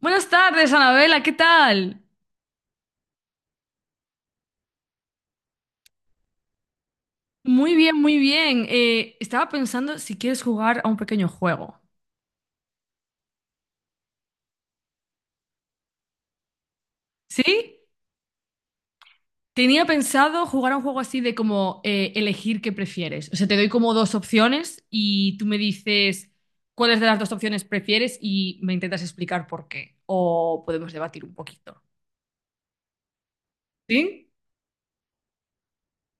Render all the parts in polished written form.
Buenas tardes, Anabela, ¿qué tal? Muy bien, muy bien. Estaba pensando si quieres jugar a un pequeño juego. ¿Sí? Tenía pensado jugar a un juego así de como elegir qué prefieres. O sea, te doy como dos opciones y tú me dices cuáles de las dos opciones prefieres y me intentas explicar por qué. O podemos debatir un poquito. ¿Sí?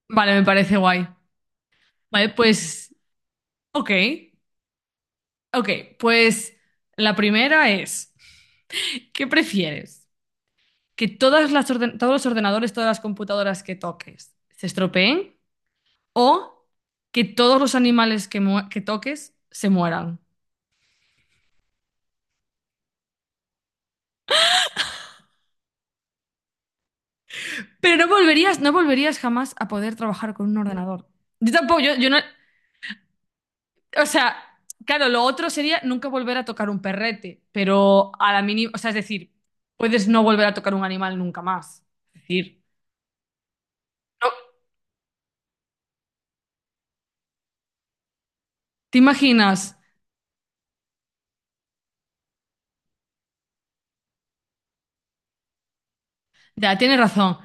Vale, me parece guay. Vale, pues, ok. Ok, pues la primera es, ¿qué prefieres? ¿Que todas todos los ordenadores, todas las computadoras que toques se estropeen o que todos los animales que toques se mueran? Pero no volverías jamás a poder trabajar con un ordenador. Yo tampoco, yo no. O sea, claro, lo otro sería nunca volver a tocar un perrete, pero a la mínima. O sea, es decir, puedes no volver a tocar un animal nunca más. Es decir, no, ¿te imaginas? Ya, tienes razón,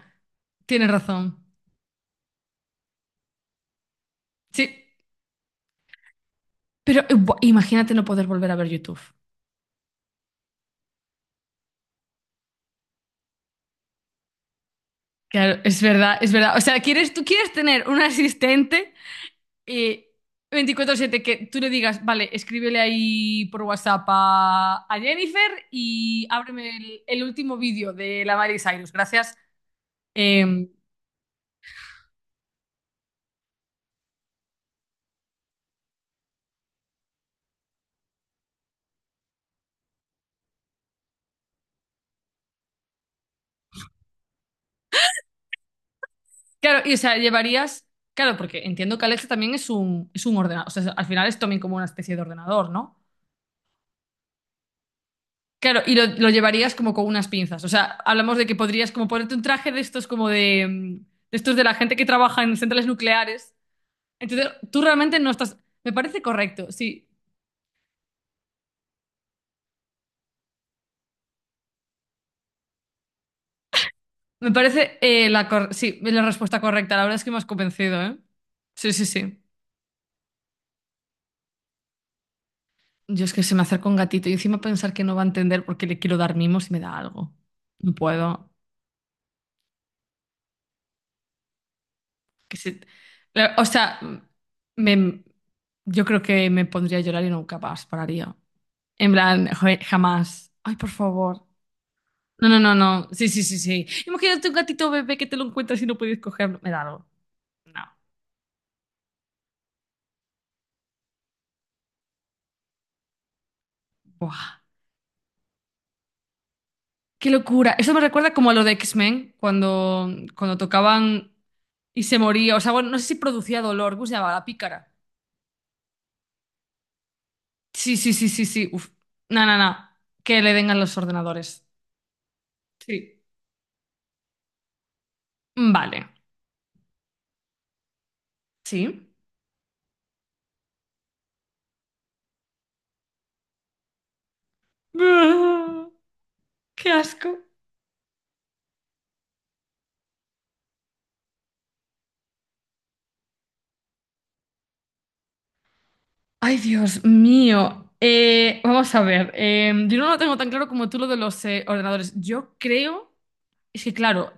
tienes razón. Sí, pero imagínate no poder volver a ver YouTube. Claro, es verdad, es verdad. O sea, tú quieres tener un asistente eh, 24/7 que tú le digas, vale, escríbele ahí por WhatsApp a Jennifer y ábreme el último vídeo de la Miley Cyrus, gracias. Eh, claro, y o sea, llevarías, claro, porque entiendo que Alexa también es un ordenador, o sea, al final es también como una especie de ordenador, ¿no? Claro, y lo llevarías como con unas pinzas. O sea, hablamos de que podrías como ponerte un traje de estos como de estos de la gente que trabaja en centrales nucleares. Entonces, tú realmente no estás. Me parece correcto, sí. Me parece sí, la respuesta correcta. La verdad es que me has convencido, ¿eh? Sí, sí, sí. Yo es que se me acerca un gatito y encima pensar que no va a entender porque le quiero dar mimos y me da algo. No puedo. Que se- O sea, me- yo creo que me pondría a llorar y nunca más pararía. En plan, joe, jamás. Ay, por favor. No, no, no, no. Sí, sí, sí, sí. Imagínate un gatito bebé que te lo encuentras y no puedes cogerlo. Me da algo. No. Buah. Qué locura. Eso me recuerda como a lo de X-Men, cuando tocaban y se moría. O sea, bueno, no sé si producía dolor. ¿Cómo se llamaba? La pícara. Sí, sí, sí, sí, sí. Uf. No, no, no. Que le den a los ordenadores. Sí. Vale. Sí. Ah, qué asco. Ay, Dios mío. Vamos a ver. Yo no lo tengo tan claro como tú lo de los ordenadores. Yo creo. Es que, claro,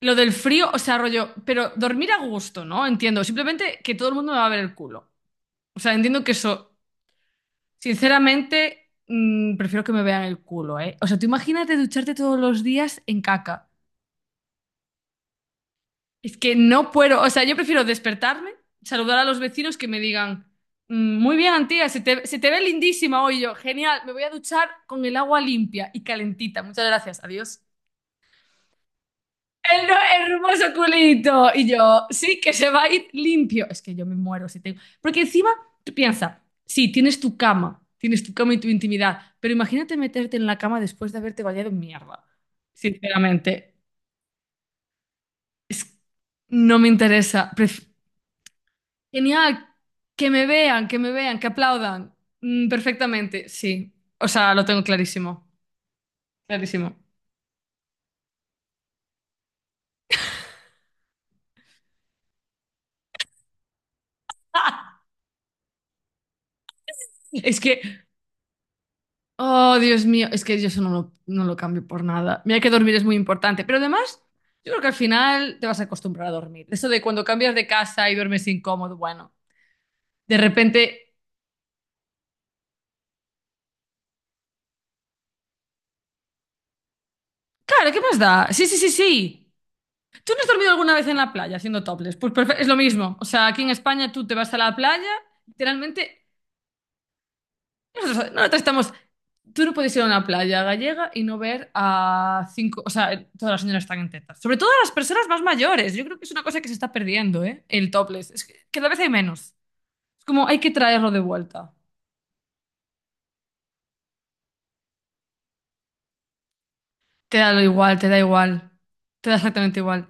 lo del frío, o sea, rollo. Pero dormir a gusto, ¿no? Entiendo. Simplemente que todo el mundo me va a ver el culo. O sea, entiendo que eso, sinceramente, prefiero que me vean el culo, ¿eh? O sea, tú imagínate ducharte todos los días en caca. Es que no puedo, o sea, yo prefiero despertarme, saludar a los vecinos que me digan, "Mm, muy bien, Antía, se te ve lindísima hoy. Y yo, genial, me voy a duchar con el agua limpia y calentita. Muchas gracias, adiós." El no- Hermoso culito. Y yo, sí, que se va a ir limpio. Es que yo me muero si tengo. Porque encima, tú piensas, sí, tienes tu cama y tu intimidad, pero imagínate meterte en la cama después de haberte bañado en mierda. Sinceramente, es- no me interesa. Genial, que me vean, que me vean, que aplaudan. Perfectamente, sí. O sea, lo tengo clarísimo, clarísimo. Es que Oh, Dios mío, es que yo eso no lo cambio por nada. Mira que dormir es muy importante, pero además, yo creo que al final te vas a acostumbrar a dormir. Eso de cuando cambias de casa y duermes incómodo, bueno, de repente, claro, ¿qué más da? Sí, sí, sí, sí. ¿Tú no has dormido alguna vez en la playa haciendo topless? Pues es lo mismo. O sea, aquí en España tú te vas a la playa, literalmente. Nosotros estamos. Tú no puedes ir a una playa gallega y no ver a cinco. O sea, todas las señoras están en tetas. Sobre todo las personas más mayores. Yo creo que es una cosa que se está perdiendo, ¿eh? El topless. Es que cada vez hay menos. Es como hay que traerlo de vuelta. Te da lo igual. Te da exactamente igual.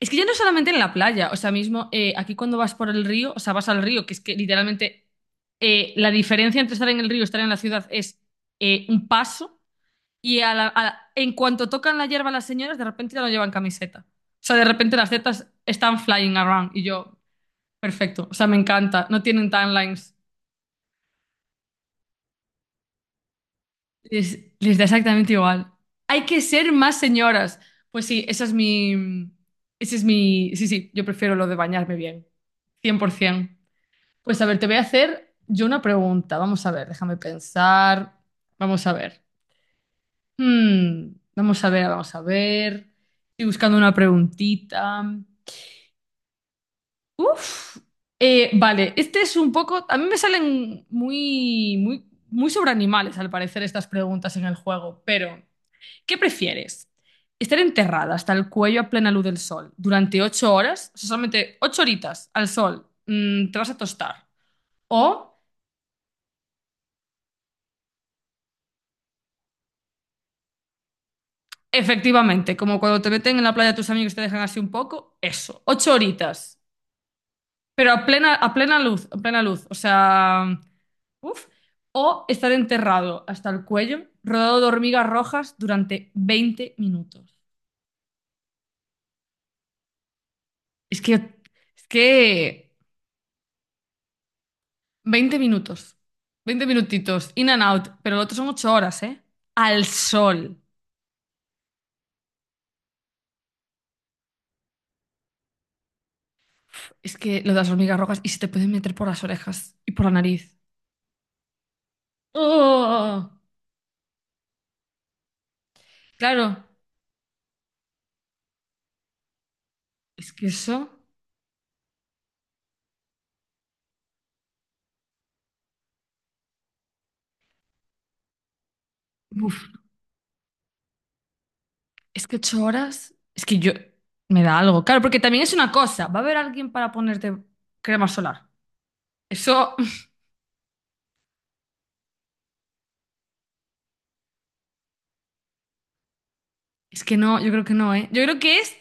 Es que ya no solamente en la playa. O sea, mismo aquí cuando vas por el río, o sea, vas al río, que es que literalmente la diferencia entre estar en el río y estar en la ciudad es un paso. Y en cuanto tocan la hierba las señoras, de repente ya no llevan camiseta. O sea, de repente las tetas están flying around. Y yo, perfecto. O sea, me encanta. No tienen timelines. Les da exactamente igual. Hay que ser más señoras. Pues sí, esa es mi... Ese es mi... Sí, sí, yo prefiero lo de bañarme bien. 100%. Pues a ver, te voy a hacer yo una pregunta. Vamos a ver, déjame pensar. Vamos a ver. Vamos a ver, vamos a ver. Estoy buscando una preguntita. Uf, vale, este es un poco. A mí me salen muy, muy, muy sobre animales, al parecer, estas preguntas en el juego. Pero, ¿qué prefieres? ¿Estar enterrada hasta el cuello a plena luz del sol durante 8 horas? O sea, solamente 8 horitas al sol, te vas a tostar. O, efectivamente, como cuando te meten en la playa tus amigos y te dejan así un poco, eso, 8 horitas. Pero a plena luz, a plena luz. O sea. Uf. O estar enterrado hasta el cuello, rodeado de hormigas rojas durante 20 minutos. Es que 20 minutos, 20 minutitos, in and out, pero lo otro son 8 horas, ¿eh? Al sol. Es que lo de las hormigas rojas y se te pueden meter por las orejas y por la nariz. ¡Oh! Claro, es que eso. Uf, es que 8 horas. Es que yo. Me da algo. Claro, porque también es una cosa. Va a haber alguien para ponerte crema solar. Eso. Es que no, yo creo que no, ¿eh? Yo creo que es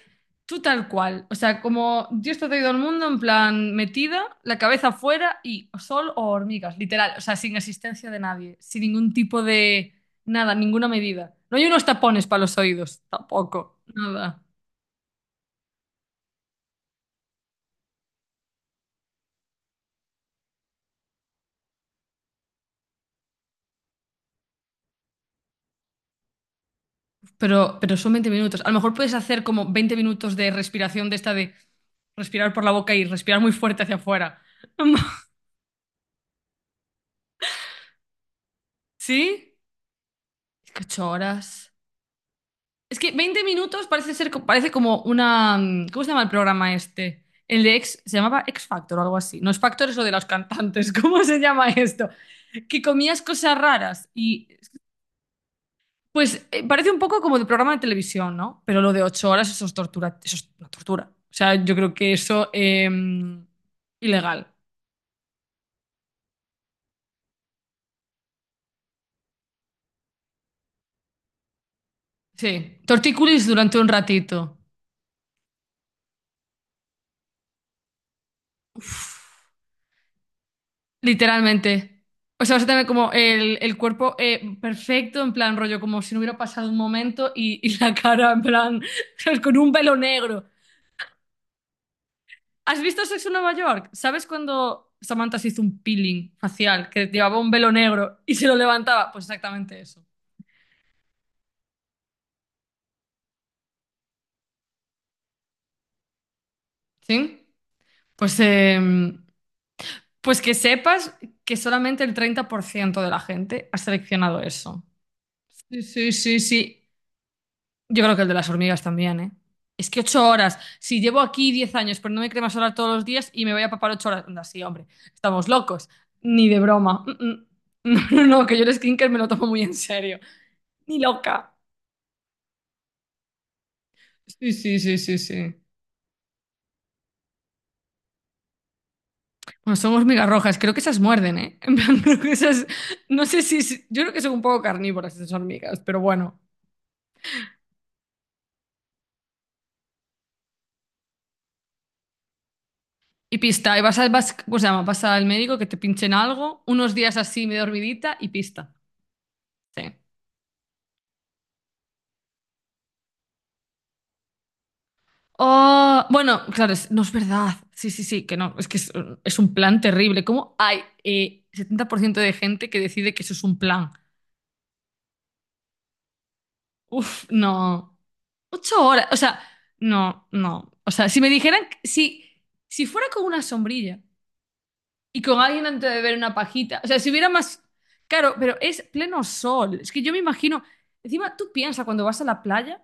tú tal cual. O sea, como Dios te ha traído al mundo en plan metida, la cabeza afuera y sol o hormigas, literal. O sea, sin asistencia de nadie, sin ningún tipo de nada, ninguna medida. No hay unos tapones para los oídos, tampoco, nada. Pero son 20 minutos. A lo mejor puedes hacer como 20 minutos de respiración de esta de respirar por la boca y respirar muy fuerte hacia afuera. ¿Sí? Es que 8 horas. Es que 20 minutos parece ser, parece como una. ¿Cómo se llama el programa este? El de X, se llamaba X Factor o algo así. No es Factor, eso de los cantantes. ¿Cómo se llama esto? Que comías cosas raras y. Pues parece un poco como de programa de televisión, ¿no? Pero lo de 8 horas, eso es tortura. Eso es una tortura. O sea, yo creo que eso. Ilegal. Sí. Tortícolis durante un ratito. Uf. Literalmente. O sea, vas a tener como el cuerpo perfecto, en plan rollo, como si no hubiera pasado un momento, y, y la cara, en plan, con un velo negro. ¿Has visto Sexo en Nueva York? ¿Sabes cuando Samantha se hizo un peeling facial que llevaba un velo negro y se lo levantaba? Pues exactamente eso. ¿Sí? Pues, pues que sepas que solamente el 30% de la gente ha seleccionado eso. Sí, sí, sí, sí. Yo creo que el de las hormigas también, ¿eh? Es que 8 horas. Si llevo aquí 10 años poniéndome crema solar todos los días y me voy a papar 8 horas. Anda, sí, hombre. Estamos locos. Ni de broma. Mm, mm. No, no, no, que yo el skincare me lo tomo muy en serio. Ni loca. Sí, sí, sí, sí, sí. Bueno, son hormigas rojas. Creo que esas muerden, ¿eh? En plan, creo que esas. No sé si. Yo creo que son un poco carnívoras esas hormigas, pero bueno. Y pista. Y ¿cómo se llama? Vas al médico que te pinchen algo, unos días así, medio dormidita y pista. Sí. Oh, bueno, claro, no es verdad. Sí, sí, sí, que no, es que es un plan terrible. ¿Cómo hay 70% de gente que decide que eso es un plan? Uf, no. 8 horas, o sea, no, no. O sea, si me dijeran, si fuera con una sombrilla y con alguien antes de beber una pajita, o sea, si hubiera más... Claro, pero es pleno sol. Es que yo me imagino, encima tú piensas cuando vas a la playa.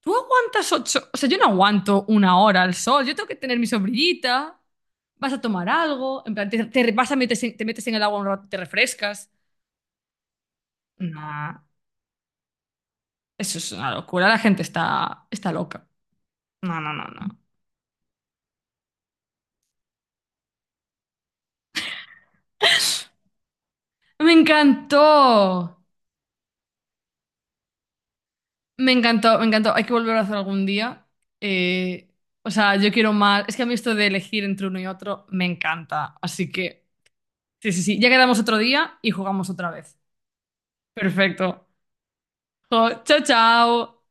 ¿Tú aguantas ocho? O sea, yo no aguanto una hora al sol. Yo tengo que tener mi sombrillita. Vas a tomar algo. En plan, te vas a metes en- te metes en el agua un rato, te refrescas. Nah, eso es una locura. La gente está loca. No, no, no, no. Me encantó. Me encantó, me encantó. Hay que volver a hacer algún día. Eh, o sea, yo quiero más. Es que a mí esto de elegir entre uno y otro me encanta. Así que, sí, sí, sí. Ya quedamos otro día y jugamos otra vez. Perfecto. Jo, chao, chao.